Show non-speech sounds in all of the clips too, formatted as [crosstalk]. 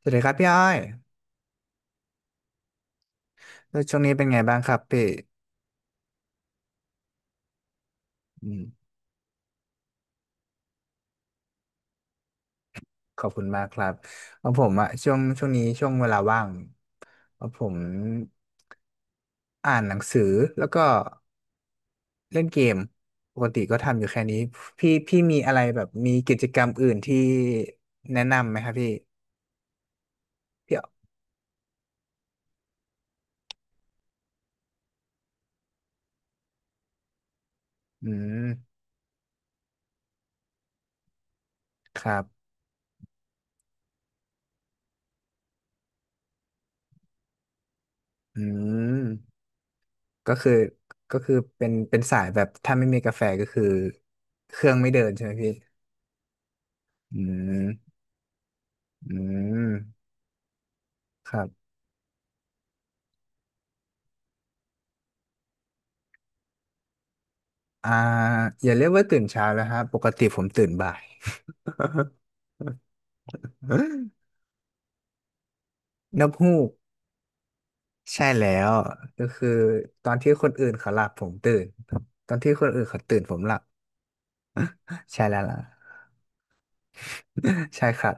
สวัสดีครับพี่อ้อยแล้วช่วงนี้เป็นไงบ้างครับพี่อืมขอบคุณมากครับของผมอะช่วงนี้ช่วงเวลาว่างของผมอ่านหนังสือแล้วก็เล่นเกม ปกติก็ทำอยู่แค่นี้ พี่มีอะไรแบบมีกิจกรรมอื่นที่แนะนำไหมครับพี่พี่อออืม ครับอืมก็คือก็คือเป็นสายแบบถ้าไม่มีกาแฟก็คือเครื่องไม่เดินใช่ไหมพี่อืมอืมครับ อ่าอย่าเรียกว่าตื่นเช้าแล้วครับปกติผมตื่นบ่าย [laughs] นกฮูกใช่แล้วก็คือตอนที่คนอื่นเขาหลับผมตื่นตอนที่คนอื่นเขาตื่นผมหลับใช่แล้วล่ะ [laughs] ใช่ครับ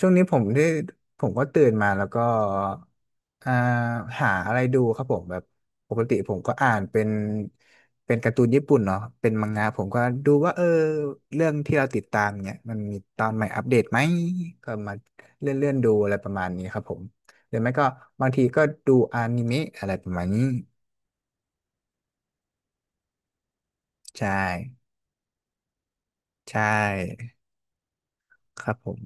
ช่วงนี้ผมก็ตื่นมาแล้วก็อ่าหาอะไรดูครับผมแบบปกติผมก็อ่านเป็นการ์ตูนญี่ปุ่นเนาะเป็นมังงะผมก็ดูว่าเออเรื่องที่เราติดตามเนี่ยมันมีตอนใหม่อัปเดตไหมก็มาเลื่อนดูอะไรประมาณนี้ครับผมหรือไม่ก็บางทีก็ดูอนิเมะอะไรประมาณนี้ใช่ใช่ครับผม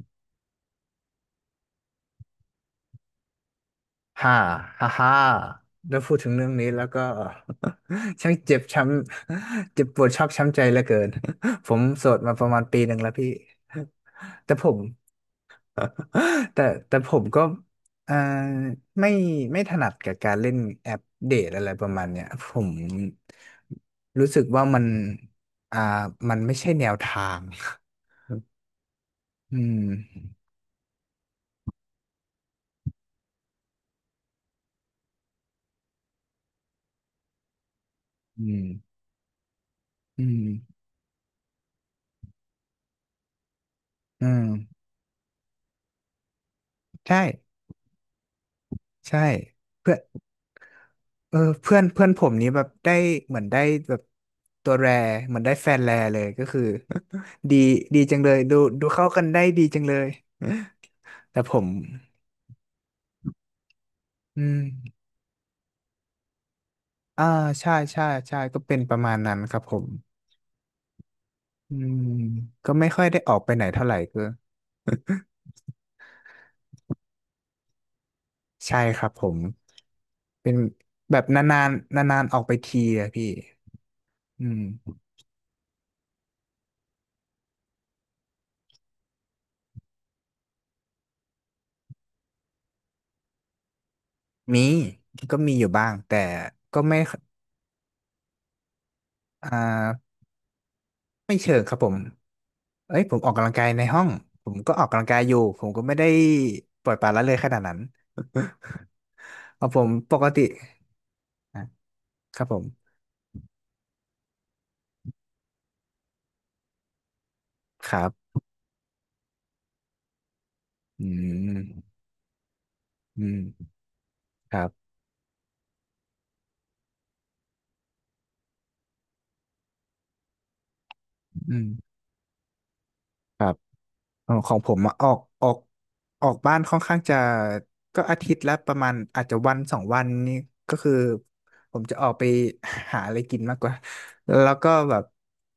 ฮ่าฮ่าฮ่าแล้วพูดถึงเรื่องนี้แล้วก็ [laughs] ช่างเจ็บช้ำเจ็บปวดชอกช้ำใจเหลือเกินผมโสดมาประมาณปีหนึ่งแล้วพี่แต่ผม [laughs] แต่แต่ผมก็เอ่อไม่ไม่ถนัดกับการเล่นแอปเดทอะไรประมาณเนี้ยผมรู้สึกว่ามันอ่ามันไม่ใช่แนวทาง [laughs] อืมอืมอืมอืมใช่ใช่เพื่อน เออเพื่อนเพื่อนผมนี้แบบได้เหมือนได้แบบตัวแรเหมือนได้แฟนแรเลยก็คือ [laughs] ดีดีจังเลยดูเข้ากันได้ดีจังเลยแต่ผมอืมอ่าใช่ใช่ใช่ก็เป็นประมาณนั้นครับผมอืมก็ไม่ค่อยได้ออกไปไหนเท่าไหร่ก็ใช่ครับผมเป็นแบบนานๆนานๆออกไปทีอะพี่อืมมีก็มีอยู่บ้างแต่ก็ไม่อ่าไม่เชิงครับผม เอ้ยผมออกกำลังกายในห้องผมก็ออกกำลังกายอยู่ผมก็ไม่ได้ปล่อยปละละเลยขนาดนั้น [laughs] เอาผมปกติอ่ะครับผมครับอืมอืมครับอืมครับ เออของผมอะออกบ้านค่อนข้างจะก็อาทิตย์ละประมาณอาจจะวันสองวันนี่ก็คือผมจะออกไปหาอะไรกินมากกว่าแล้วก็แบบ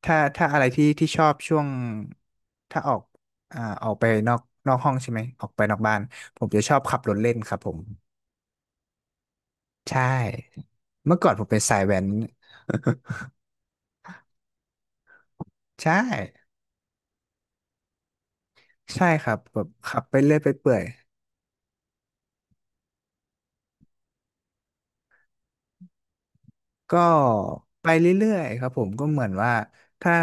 ถ้าอะไรที่ชอบช่วงถ้าออกออกไปนอกห้องใช่ไหมออกไปนอกบ้านผมจะชอบขับรถเล่นครับผมใช่เมื่อก่อนผมเป็นสายแว้น [laughs] ใช่ใช่ครับแบบขับไปเรื่อยไปเปื่อย ก็ไปเรื่อยๆครับผมก็เหมือนว่าถ้า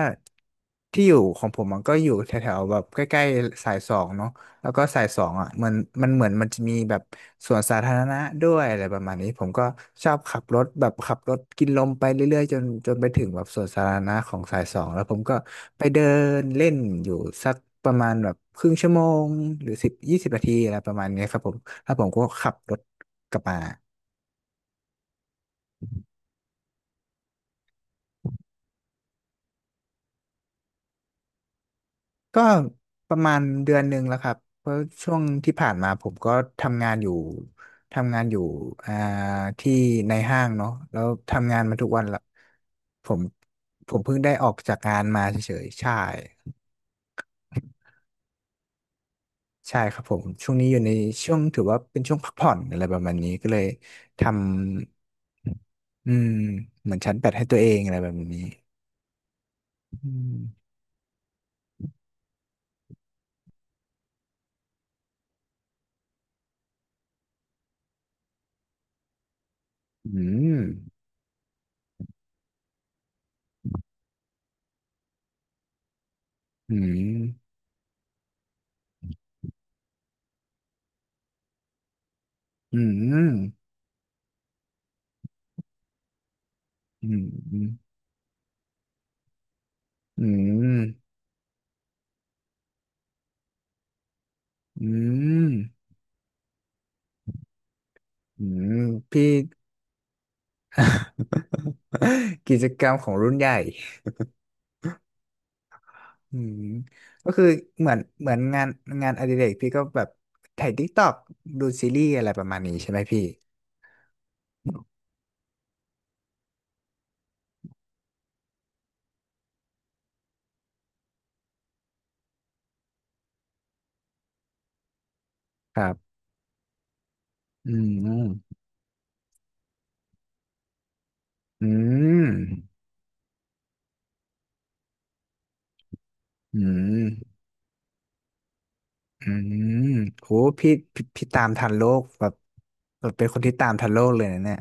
ที่อยู่ของผมมันก็อยู่แถวๆแบบใกล้ๆสายสองเนาะแล้วก็สายสองอ่ะมันเหมือนมันจะมีแบบสวนสาธารณะด้วยอะไรประมาณนี้ผมก็ชอบขับรถแบบขับรถกินลมไปเรื่อยๆจนไปถึงแบบสวนสาธารณะของสายสองแล้วผมก็ไปเดินเล่นอยู่สักประมาณแบบครึ่งชั่วโมงหรือสิบยี่สิบนาทีอะไรประมาณนี้ครับผมแล้วผมก็ขับรถกลับมา ก็ประมาณเดือนหนึ่งแล้วครับเพราะช่วงที่ผ่านมาผมก็ทำงานอยู่ทำงานอยู่อ่าที่ในห้างเนาะแล้วทำงานมาทุกวันละผมผมเพิ่งได้ออกจากงานมาเฉยๆใช่ใช่ครับผมช่วงนี้อยู่ในช่วงถือว่าเป็นช่วงพักผ่อนอะไรประมาณนี้ก็เลยทำอืมเหมือนชั้นแปดให้ตัวเองอะไรแบบนี้อืมอืมอืมอืมอืมอืมอืม อืมอืมพี่ [laughs] กิจกรรมของรุ่นใหญ่อืมก็คือเหมือนเหมือนงานอดิเรกพี่ก็แบบถ่ายดิกตอกดูซีรีส์อะไรประมาณนี้ใช่ไหมพี่ครับอืมอืมอืมอืมโหพี่พี่ตามทันโลกแบบแบบเป็นคนที่ตามทันโลกเลยนะเนี่ย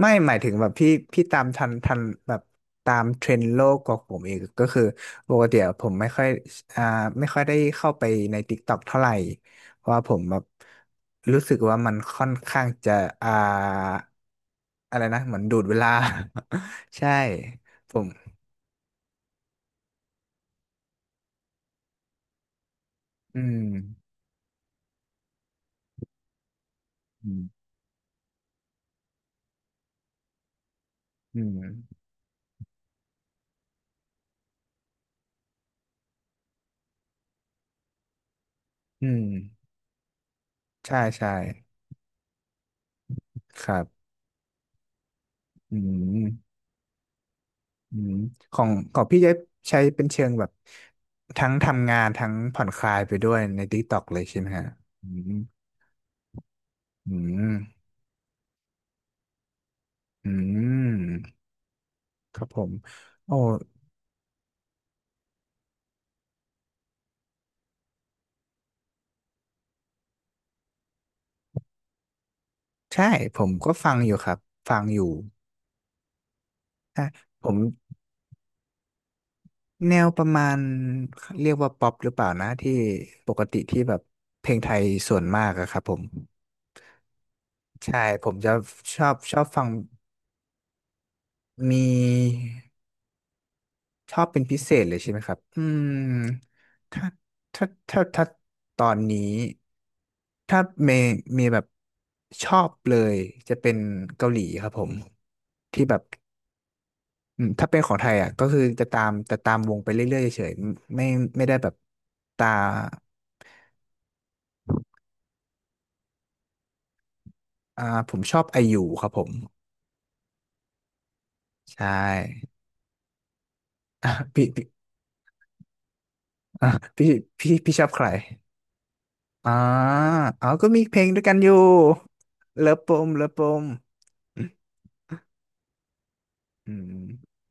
ไม่หมายถึงแบบพี่พี่ตามทันทันแบบตามเทรนด์โลกกว่าผมอีกก็คือปกติอะผมไม่ค่อยอ่าไม่ค่อยได้เข้าไปใน TikTok เท่าไหร่เพราะว่าผมแบบรู้สึกว่ามันค่อนข้างจะอ่าอะไรนะเหมือนดูดเวลา [laughs] ใช่ผมอืมอืมอืมอืมใช่ใช่ครับอืม อืมของของพี่จะใช้เป็นเชิงแบบทั้งทำงานทั้งผ่อนคลายไปด้วยใน TikTok เลยใช่ไหมฮะอืมอืมอืมครับผมโอ้ใช่ผมก็ฟังอยู่ครับฟังอยู่อ่ะผมแนวประมาณเรียกว่าป๊อปหรือเปล่านะที่ปกติที่แบบเพลงไทยส่วนมากอะครับผมใช่ผมจะชอบฟังมี ชอบเป็นพิเศษเลยใช่ไหมครับ อืม ถ้าถ้าถ้าตอนนี้ ถ้าเมย์แบบชอบเลย จะเป็นเกาหลีครับผม ที่แบบอืมถ้าเป็นของไทยอ่ะก็คือจะตามจะตามวงไปเรื่อยๆเฉยๆไม่ไม่ได้แบบ ตาอ่าผมชอบไอยูครับผม ใช่ [laughs] อ่ะพี่พี่ [laughs] อ่ะพี่พี่ชอบใคร อ่าอ๋อก็มีเพลงด้วยกันอยู่เลิฟปมเลิฟปม อืม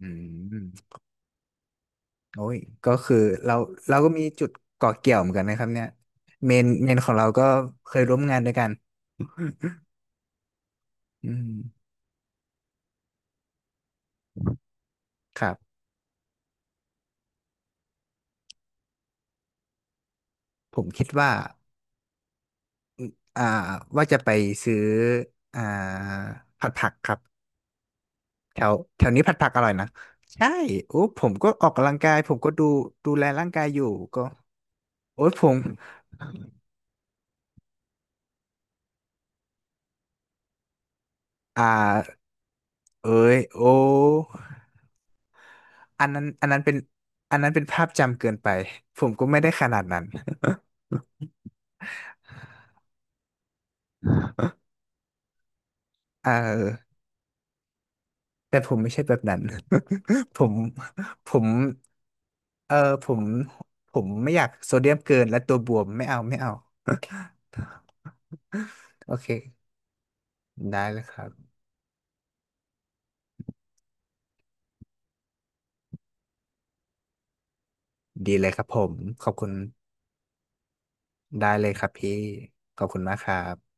อืมอืมโอ้ยก็คือเราเรามีจุดเกาะเกี่ยวเหมือนกันนะครับเนี่ยเมนของเราก็เคยร่วมงานด้วยกันอืมครับผมคิดว่าอ่าว่าจะไปซื้ออ่าผัดผักครับแถวแถวนี้ผัดผักอร่อยนะใช่โอ้ผมก็ออกกำลังกายผมก็ดูแลร่างกายอยู่ก็โอ้ยผมอ่าเอ้ยโอ้อันนั้นเป็นอันนั้นเป็นภาพจำเกินไปผมก็ไม่ได้ขนาดนั้น เออแต่ผมไม่ใช่แบบนั้น [laughs] ผมผมเออผมผมไม่อยากโซเดียมเกินและตัวบวมไม่เอาไม่เอาโอเคได้เลยครับดีเลยครับผมขอบคุณได้เลยครับพี่ขอบคุณมากครับ